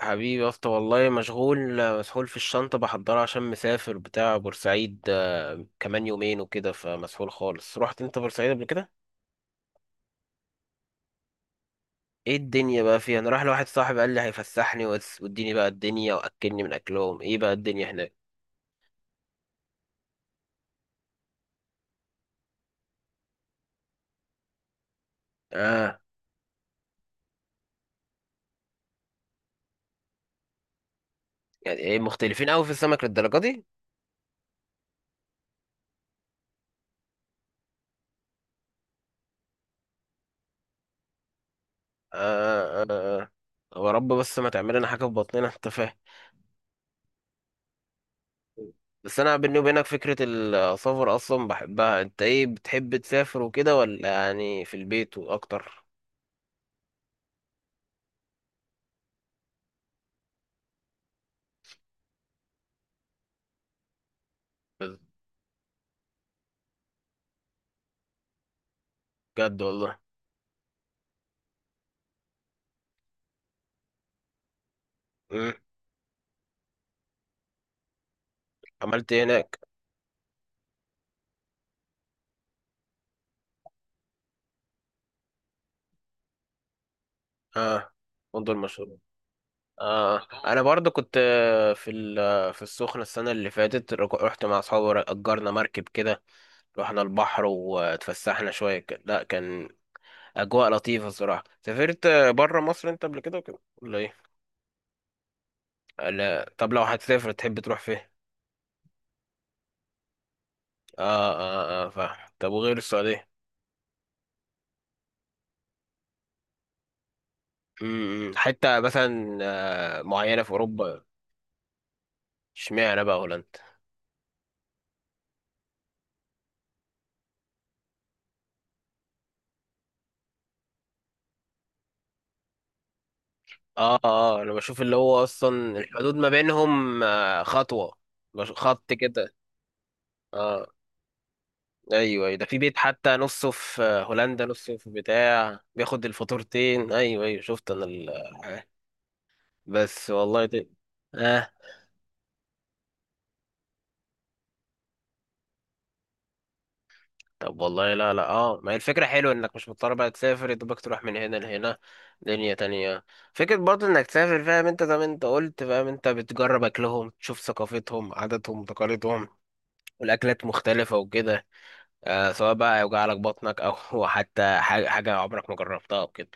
حبيبي يا اسطى، والله مشغول. مسحول في الشنطة بحضرها عشان مسافر بتاع بورسعيد، كمان يومين وكده، فمسحول خالص. رحت انت بورسعيد قبل كده؟ ايه الدنيا بقى فيها؟ انا رايح لواحد صاحبي قال لي هيفسحني واديني بقى الدنيا واكلني من اكلهم. ايه بقى الدنيا هناك؟ اه. يعني ايه مختلفين قوي في السمك للدرجة دي؟ آه آه آه. هو رب بس ما تعمل لنا حاجة في بطننا، انت فاهم. بس انا بيني وبينك فكرة السفر اصلا بحبها، انت ايه، بتحب تسافر وكده ولا يعني في البيت واكتر؟ بجد والله. مم. عملت ايه هناك؟ اه. فندق المشهور. اه، انا برضو كنت في في السخنه السنه اللي فاتت، رحت مع اصحابي، اجرنا مركب كده، رحنا البحر واتفسحنا شويه كده. لا، كان اجواء لطيفه الصراحه. سافرت بره مصر انت قبل كده وكده ولا ايه؟ لا طب، لو هتسافر تحب تروح فين؟ اه اه اه. فاهم. طب وغير السعوديه؟ امم، حته مثلا معينه في اوروبا؟ اشمعنى بقى هولندا؟ اه اه. انا بشوف اللي هو اصلا الحدود ما بينهم خطوة، خط كده. اه. ايوه أيوة. ده في بيت حتى نصه في هولندا، نصه في بتاع، بياخد الفاتورتين. ايوه ايوه، شفت انا آه. بس والله دي... اه. طب والله، لا لا، اه، ما هي الفكرة حلوة، انك مش مضطر بقى تسافر يا دوبك تروح من هنا لهنا. دنيا تانية. فكرة برضه انك تسافر، فاهم انت، زي ما انت قلت، فاهم انت، بتجرب اكلهم، تشوف ثقافتهم، عاداتهم، تقاليدهم، والاكلات مختلفة وكده. سواء بقى يوجع لك بطنك او حتى حاجة عمرك ما جربتها او كده.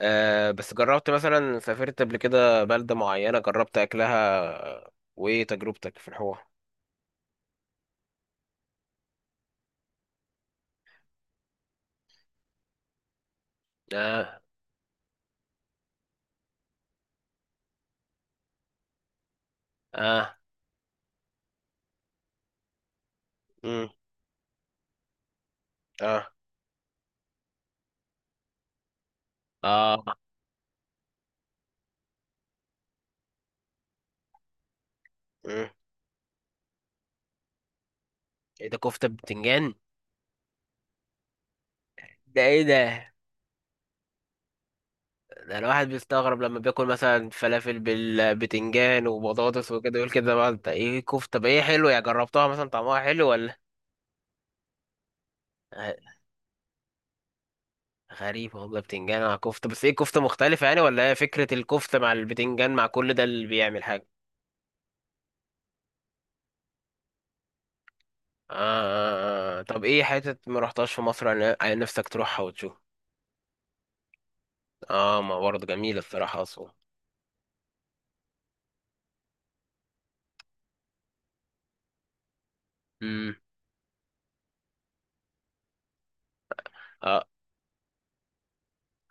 بس جربت مثلا، سافرت قبل كده بلدة معينة، جربت اكلها؟ وايه تجربتك في الحوار؟ اه. اه. امم. اه. اه. امم. ايه ده، كفتة بتنجان؟ ده ايه ده؟ ده الواحد بيستغرب لما بياكل مثلا فلافل بالبتنجان وبطاطس وكده، يقول كده بقى انت ايه، كفتة؟ بقى ايه، حلو؟ يا جربتها مثلا، طعمها حلو ولا؟ غريب والله، بتنجان مع كفتة، بس ايه، كفتة مختلفة يعني ولا هي فكرة الكفتة مع البتنجان مع كل ده اللي بيعمل حاجة؟ آه، آه، آه. آه. طب ايه حتة ما رحتهاش في مصر، عن نفسك تروحها وتشوف؟ اه، ما برضه جميلة الصراحة أسوان. امم.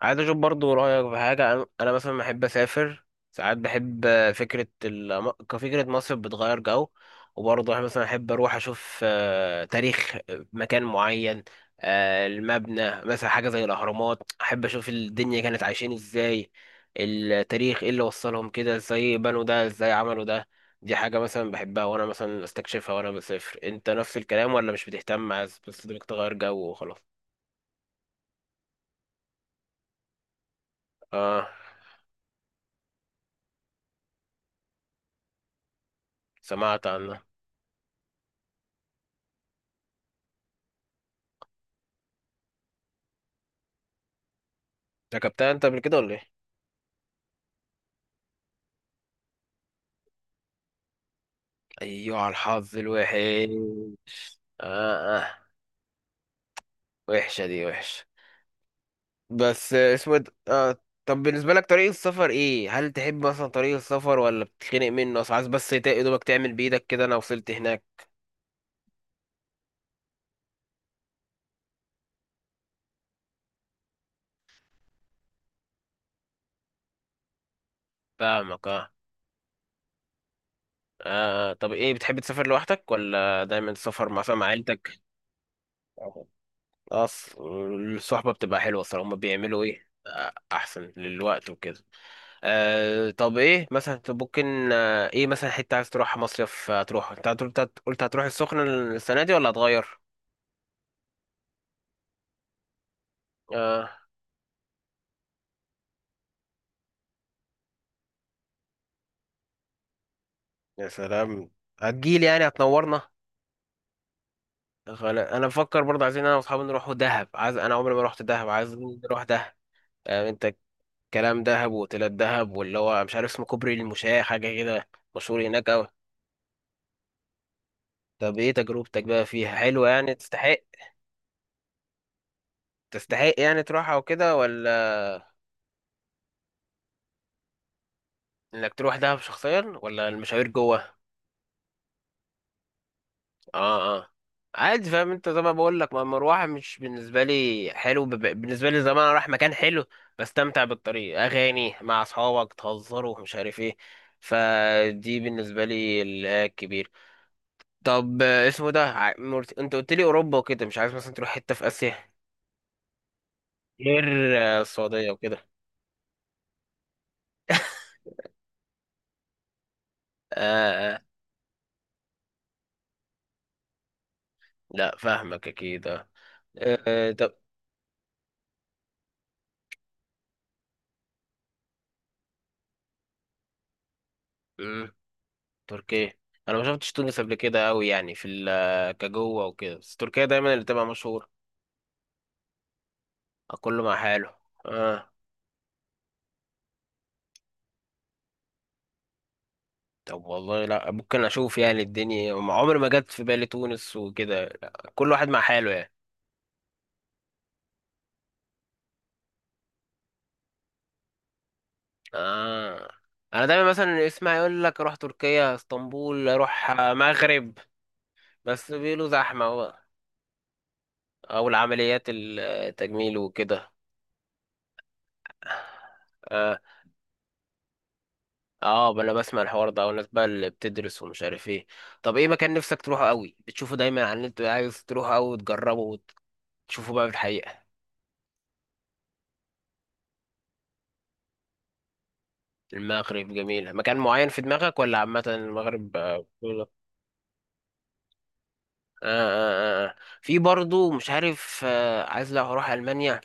عايز اشوف برضو رايك في حاجه، أنا مثلا بحب اسافر، ساعات بحب فكره كفكره مصر بتغير جو، وبرضه مثلا احب اروح اشوف تاريخ، مكان معين، المبنى مثلا، حاجه زي الاهرامات، احب اشوف الدنيا كانت عايشين ازاي، التاريخ ايه اللي وصلهم، كده ازاي بنوا ده، ازاي عملوا ده. دي حاجه مثلا بحبها، وانا مثلا استكشفها وانا بسافر. انت نفس الكلام ولا مش بتهتم، عايز بس تغير جو وخلاص؟ اه. سمعت عنها. ركبتها انت قبل كده ولا ايه؟ ايوه، على الحظ الوحش. اه اه. وحشه دي، وحشه. بس اسمه ايه ده؟ طب بالنسبه لك طريق السفر ايه، هل تحب مثلا طريق السفر ولا بتتخنق منه، اصل عايز بس يا دوبك تعمل بايدك كده، انا وصلت هناك؟ فاهمك اه. طب ايه، بتحب تسافر لوحدك ولا دايما تسافر مثلا مع عيلتك؟ اصل الصحبة بتبقى حلوة الصراحة، هما بيعملوا ايه احسن للوقت وكده. طب ايه مثلا، طب ممكن ايه مثلا، حتة عايز تروح مصيف، تروح انت أنت قلت هتروح السخنة السنة دي ولا هتغير؟ اه. يا سلام. هتجيلي يعني، هتنورنا. انا بفكر برضه، عايزين انا واصحابي نروحوا دهب، عايز انا، عمري ما رحت دهب، عايز نروح دهب. انت، كلام دهب واوتيلات دهب، واللي هو مش عارف اسمه، كوبري المشاة حاجة كده، مشهور هناك اوي. طب ايه تجربتك بقى فيها، حلوة يعني، تستحق؟ تستحق يعني تروحها وكده ولا؟ انك تروح دهب شخصيا ولا المشاوير جوه؟ اه اه. عادي، فاهم انت، زي ما بقول لك، ما المروحه مش بالنسبه لي حلو، بالنسبه لي زمان انا رايح مكان حلو، بستمتع بالطريق، اغاني مع اصحابك، تهزروا ومش عارف ايه. فدي بالنسبه لي الكبير. طب اسمه ده، انت قلت لي اوروبا وكده، مش عايز مثلا تروح حته في اسيا غير السعوديه وكده؟ اه اه. لا فاهمك اكيد، اه. آه، آه. طب، مم، تركيا. انا ما شفتش تونس قبل كده قوي يعني في كجوه وكده، بس تركيا دايما اللي تبقى مشهوره. كله مع حاله. اه. طب والله، لا، ممكن اشوف يعني الدنيا، ما عمري ما جت في بالي تونس وكده، لا، كل واحد مع حاله يعني. اه. انا دايما مثلا اسمع يقول لك اروح تركيا، اسطنبول، اروح مغرب. بس بيقولوا زحمه بقى، او العمليات التجميل وكده. اه اه. بقى انا بسمع الحوار ده والناس بقى اللي بتدرس ومش عارف ايه. طب ايه مكان نفسك تروحه قوي، بتشوفه دايما على النت، عايز تروحه قوي وتجربه وتشوفه بقى في الحقيقه؟ المغرب جميلة. مكان معين في دماغك ولا عامة المغرب؟ آه. آه آه آه. في برضو مش عارف، عايز لو هروح ألمانيا،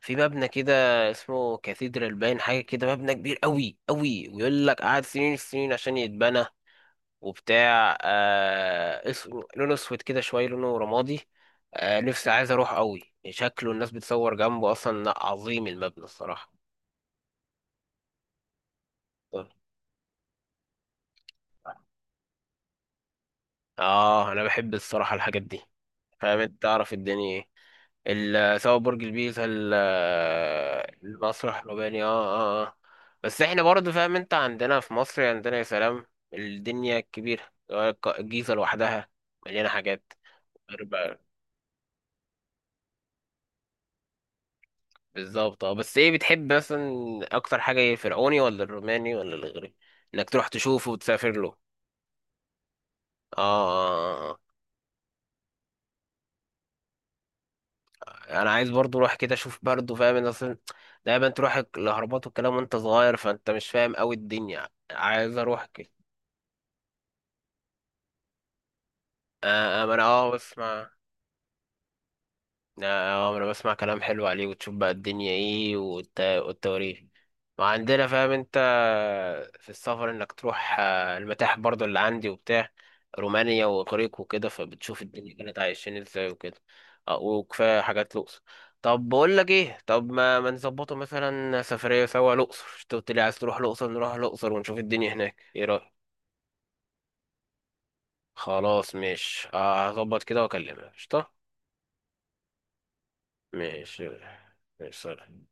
في مبنى كده اسمه كاثيدرال باين حاجة كده، مبنى كبير قوي قوي، ويقول لك قعد سنين السنين عشان يتبنى، وبتاع اسمه، لونه اسود كده شوية، لونه رمادي. نفسي عايز اروح قوي، شكله الناس بتصور جنبه اصلا. لأ، عظيم المبنى الصراحة. اه، انا بحب الصراحة الحاجات دي، فاهم انت، تعرف الدنيا ايه، سواء برج البيزا، المسرح، المباني، اه. اه اه. بس احنا برضه، فاهم انت، عندنا في مصر عندنا يا سلام الدنيا الكبيرة، الجيزة لوحدها مليانة حاجات. أربع- بالظبط، اه، بس ايه بتحب مثلا اكتر حاجة، ايه، الفرعوني ولا الروماني ولا الاغريقي، انك تروح تشوفه وتسافر له؟ اه، آه، آه. آه. انا عايز برضه اروح كده، اشوف برضه، فاهم انت، اصلا دايما تروح الاهرامات والكلام وانت صغير، فانت مش فاهم قوي الدنيا، عايز اروح. آه. ما انا اه بسمع. اه. ما انا بسمع كلام حلو عليه، وتشوف بقى الدنيا ايه، والتواريخ ما عندنا، فاهم انت، في السفر، انك تروح المتاحف برضو اللي عندي وبتاع، رومانيا واغريق وكده، فبتشوف الدنيا كانت عايشين ازاي وكده. آه، وكفايه حاجات الاقصر. طب بقول لك ايه، طب ما نظبطه مثلا سفريه سوا الاقصر، انت قلت لي عايز تروح الاقصر، نروح الاقصر ونشوف الدنيا هناك، ايه رايك؟ خلاص، مش هظبط كده واكلمك، قشطه. ماشي. ماشي، سلام.